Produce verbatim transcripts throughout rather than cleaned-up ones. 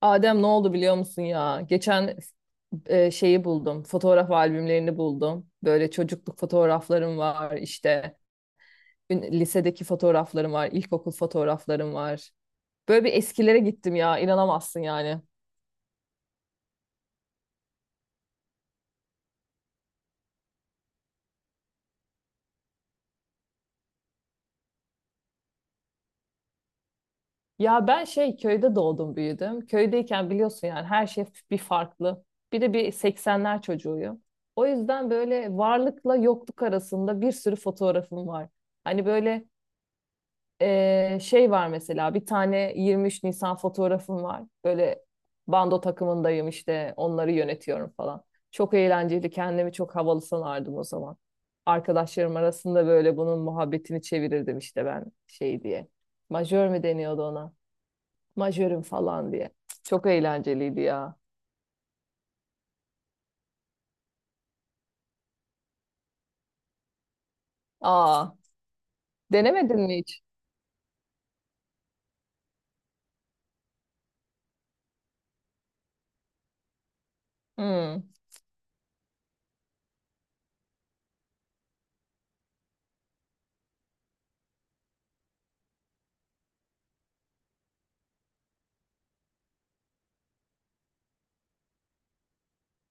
Adem ne oldu biliyor musun ya? Geçen e, şeyi buldum. Fotoğraf albümlerini buldum. Böyle çocukluk fotoğraflarım var işte. ün- Lisedeki fotoğraflarım var. İlkokul fotoğraflarım var. Böyle bir eskilere gittim ya. İnanamazsın yani. Ya ben şey köyde doğdum büyüdüm. Köydeyken biliyorsun yani her şey bir farklı. Bir de bir seksenler çocuğuyum. O yüzden böyle varlıkla yokluk arasında bir sürü fotoğrafım var. Hani böyle eee, şey var mesela bir tane yirmi üç Nisan fotoğrafım var. Böyle bando takımındayım işte onları yönetiyorum falan. Çok eğlenceli kendimi çok havalı sanardım o zaman. Arkadaşlarım arasında böyle bunun muhabbetini çevirirdim işte ben şey diye. Majör mü deniyordu ona? Majörüm falan diye. Çok eğlenceliydi ya. Aa, denemedin mi hiç? Hmm,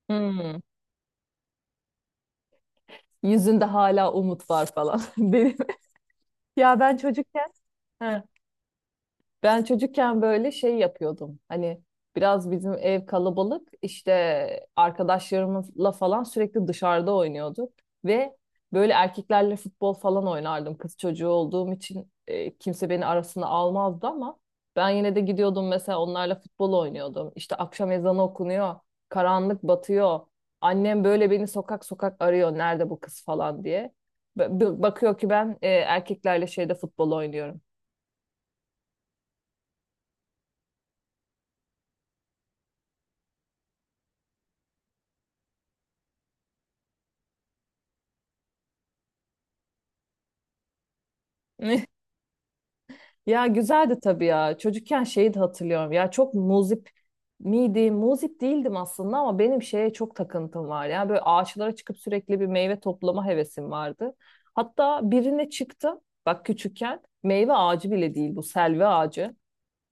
hmm. Yüzünde hala umut var falan. Benim. Ya ben çocukken He. Ben çocukken böyle şey yapıyordum. Hani biraz bizim ev kalabalık. İşte arkadaşlarımızla falan sürekli dışarıda oynuyorduk. Ve böyle erkeklerle futbol falan oynardım. Kız çocuğu olduğum için e, kimse beni arasına almazdı ama ben yine de gidiyordum mesela onlarla futbol oynuyordum. İşte akşam ezanı okunuyor. Karanlık batıyor. Annem böyle beni sokak sokak arıyor. Nerede bu kız falan diye. Ba- Bakıyor ki ben e, erkeklerle şeyde futbol oynuyorum. Ya güzeldi tabii ya. Çocukken şeyi de hatırlıyorum. Ya çok muzip miydim? Muzip değildim aslında ama benim şeye çok takıntım var. Ya böyle ağaçlara çıkıp sürekli bir meyve toplama hevesim vardı. Hatta birine çıktım. Bak küçükken meyve ağacı bile değil bu selvi ağacı.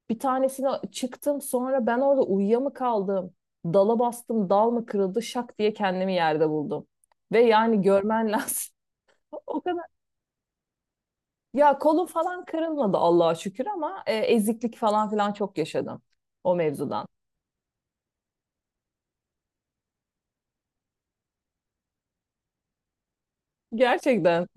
Bir tanesine çıktım sonra ben orada uyuya mı kaldım? Dala bastım dal mı kırıldı şak diye kendimi yerde buldum. Ve yani görmen lazım. O kadar ya kolum falan kırılmadı Allah'a şükür ama e, eziklik falan filan çok yaşadım o mevzudan. Gerçekten.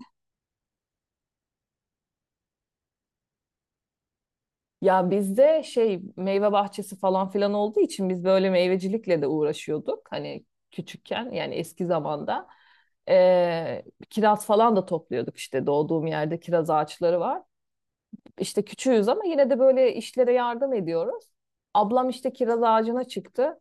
Ya bizde şey meyve bahçesi falan filan olduğu için biz böyle meyvecilikle de uğraşıyorduk. Hani küçükken yani eski zamanda. E, Kiraz falan da topluyorduk işte doğduğum yerde kiraz ağaçları var. İşte küçüğüz ama yine de böyle işlere yardım ediyoruz. Ablam işte kiraz ağacına çıktı.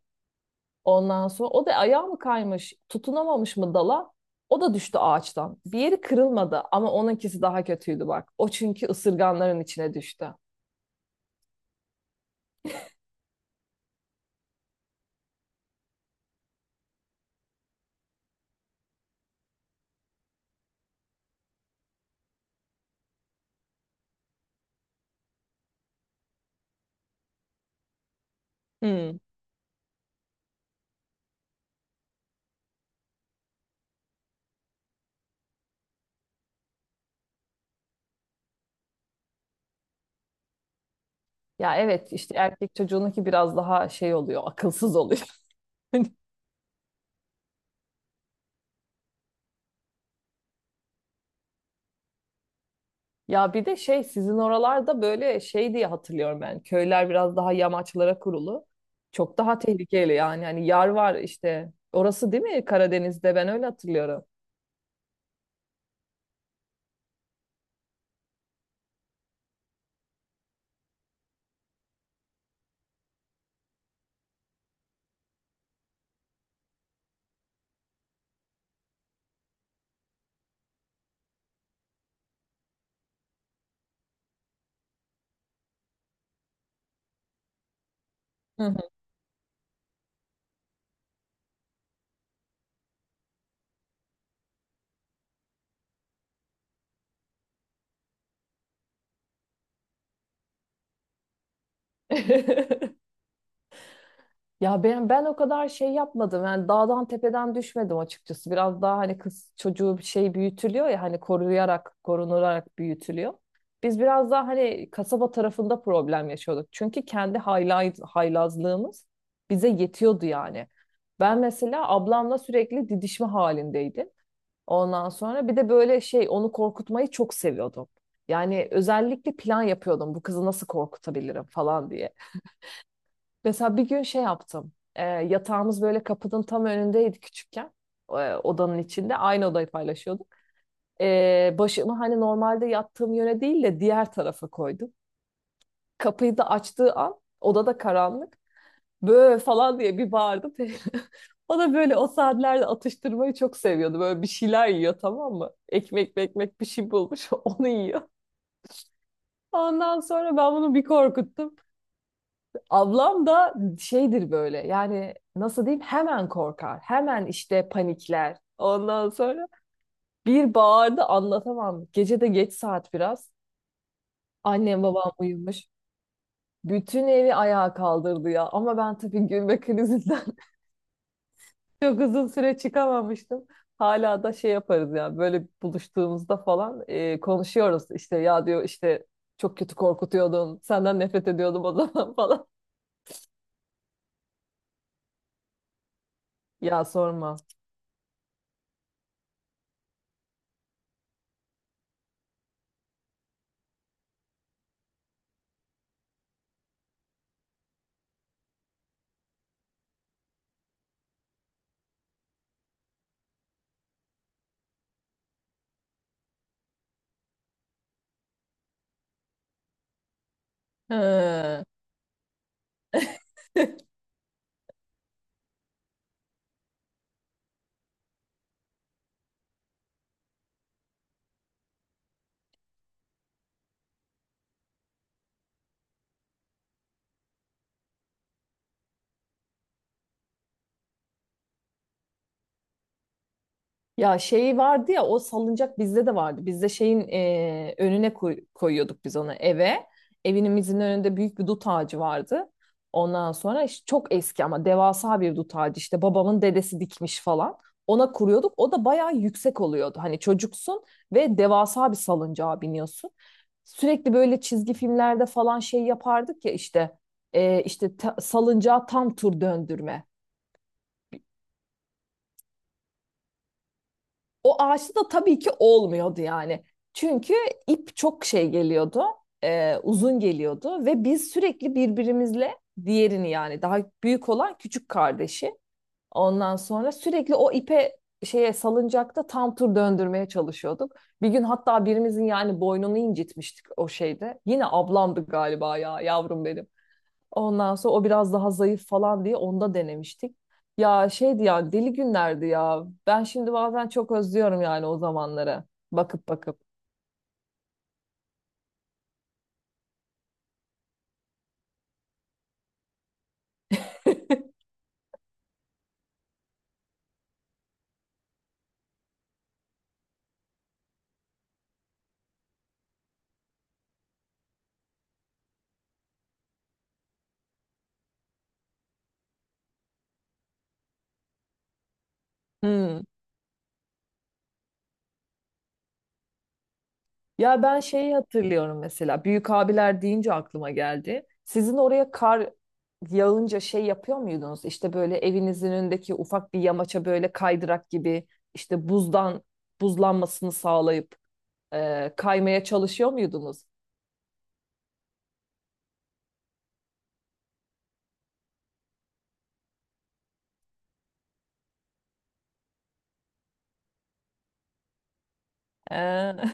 Ondan sonra o da ayağı mı kaymış, tutunamamış mı dala? O da düştü ağaçtan. Bir yeri kırılmadı ama onunkisi daha kötüydü bak. O çünkü ısırganların içine düştü. Hmm. Ya evet işte erkek çocuğununki biraz daha şey oluyor, akılsız oluyor. Ya bir de şey sizin oralarda böyle şey diye hatırlıyorum ben. Köyler biraz daha yamaçlara kurulu. Çok daha tehlikeli yani. Hani yar var işte. Orası değil mi Karadeniz'de? Ben öyle hatırlıyorum. Hı hı. Ya ben ben o kadar şey yapmadım. Yani dağdan tepeden düşmedim açıkçası. Biraz daha hani kız çocuğu bir şey büyütülüyor ya hani koruyarak, korunularak büyütülüyor. Biz biraz daha hani kasaba tarafında problem yaşıyorduk. Çünkü kendi haylaz, haylazlığımız bize yetiyordu yani. Ben mesela ablamla sürekli didişme halindeydim. Ondan sonra bir de böyle şey onu korkutmayı çok seviyordum. Yani özellikle plan yapıyordum bu kızı nasıl korkutabilirim falan diye. Mesela bir gün şey yaptım. Ee, yatağımız böyle kapının tam önündeydi küçükken. Ee, odanın içinde. Aynı odayı paylaşıyorduk. Ee, başımı hani normalde yattığım yöne değil de diğer tarafa koydum. Kapıyı da açtığı an odada karanlık. Böyle falan diye bir bağırdı. O da böyle o saatlerde atıştırmayı çok seviyordu. Böyle bir şeyler yiyor tamam mı? Ekmek ekmek bir şey bulmuş onu yiyor. Ondan sonra ben bunu bir korkuttum. Ablam da şeydir böyle yani nasıl diyeyim hemen korkar. Hemen işte panikler. Ondan sonra bir bağırdı anlatamam. Gece de geç saat biraz. Annem babam uyumuş. Bütün evi ayağa kaldırdı ya. Ama ben tabii gülme krizinden çok uzun süre çıkamamıştım. Hala da şey yaparız ya böyle buluştuğumuzda falan e, konuşuyoruz. İşte ya diyor işte çok kötü korkutuyordun. Senden nefret ediyordum o zaman falan. Ya sorma. He. Ya şey vardı ya o salıncak bizde de vardı. Bizde şeyin e, önüne koy- koyuyorduk biz onu eve. Evimizin önünde büyük bir dut ağacı vardı. Ondan sonra işte çok eski ama devasa bir dut ağacı işte babamın dedesi dikmiş falan. Ona kuruyorduk. O da bayağı yüksek oluyordu. Hani çocuksun ve devasa bir salıncağa biniyorsun. Sürekli böyle çizgi filmlerde falan şey yapardık ya işte e, işte ta- salıncağa tam tur döndürme. O ağaçta da tabii ki olmuyordu yani. Çünkü ip çok şey geliyordu, e, uzun geliyordu ve biz sürekli birbirimizle diğerini yani daha büyük olan küçük kardeşi ondan sonra sürekli o ipe şeye salıncakta tam tur döndürmeye çalışıyorduk. Bir gün hatta birimizin yani boynunu incitmiştik o şeyde. Yine ablamdı galiba ya yavrum benim. Ondan sonra o biraz daha zayıf falan diye onda denemiştik. Ya şeydi ya deli günlerdi ya. Ben şimdi bazen çok özlüyorum yani o zamanları. Bakıp bakıp. Hmm. Ya ben şeyi hatırlıyorum mesela. Büyük abiler deyince aklıma geldi. Sizin oraya kar yağınca şey yapıyor muydunuz? İşte böyle evinizin önündeki ufak bir yamaça böyle kaydırak gibi işte buzdan buzlanmasını sağlayıp e, kaymaya çalışıyor muydunuz? Ee,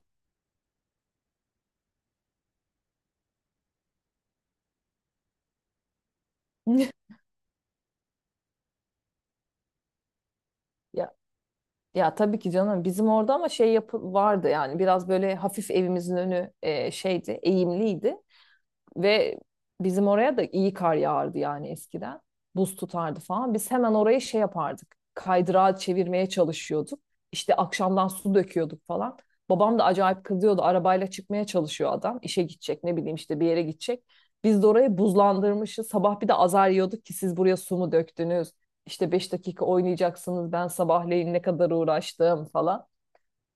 Ya Ya tabii ki canım bizim orada ama şey yapı vardı yani biraz böyle hafif evimizin önü e, şeydi eğimliydi. Ve bizim oraya da iyi kar yağardı yani eskiden. Buz tutardı falan. Biz hemen orayı şey yapardık. Kaydırağı çevirmeye çalışıyorduk. İşte akşamdan su döküyorduk falan. Babam da acayip kızıyordu. Arabayla çıkmaya çalışıyor adam. İşe gidecek ne bileyim işte bir yere gidecek. Biz de orayı buzlandırmışız. Sabah bir de azar yiyorduk ki siz buraya su mu döktünüz? İşte beş dakika oynayacaksınız. Ben sabahleyin ne kadar uğraştım falan.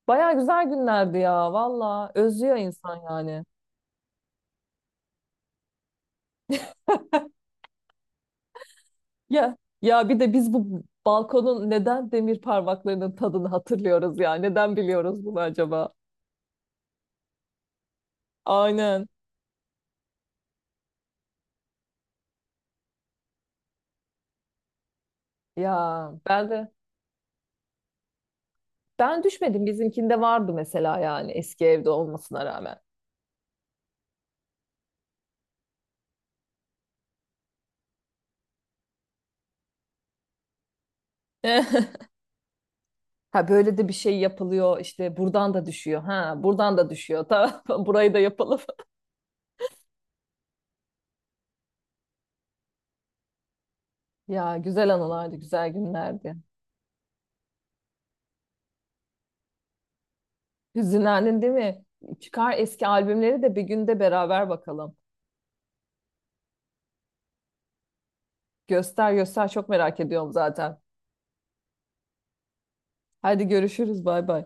Baya güzel günlerdi ya valla. Özlüyor insan yani. Ya ya bir de biz bu balkonun neden demir parmaklarının tadını hatırlıyoruz ya? Neden biliyoruz bunu acaba? Aynen. Ya ben de ben düşmedim. Bizimkinde vardı mesela yani eski evde olmasına rağmen. Ha böyle de bir şey yapılıyor işte buradan da düşüyor. Ha buradan da düşüyor. Tamam burayı da yapalım. Ya güzel anılardı, güzel günlerdi. Hüzünlendin değil mi? Çıkar eski albümleri de bir günde beraber bakalım. Göster göster çok merak ediyorum zaten. Hadi görüşürüz. Bay bay.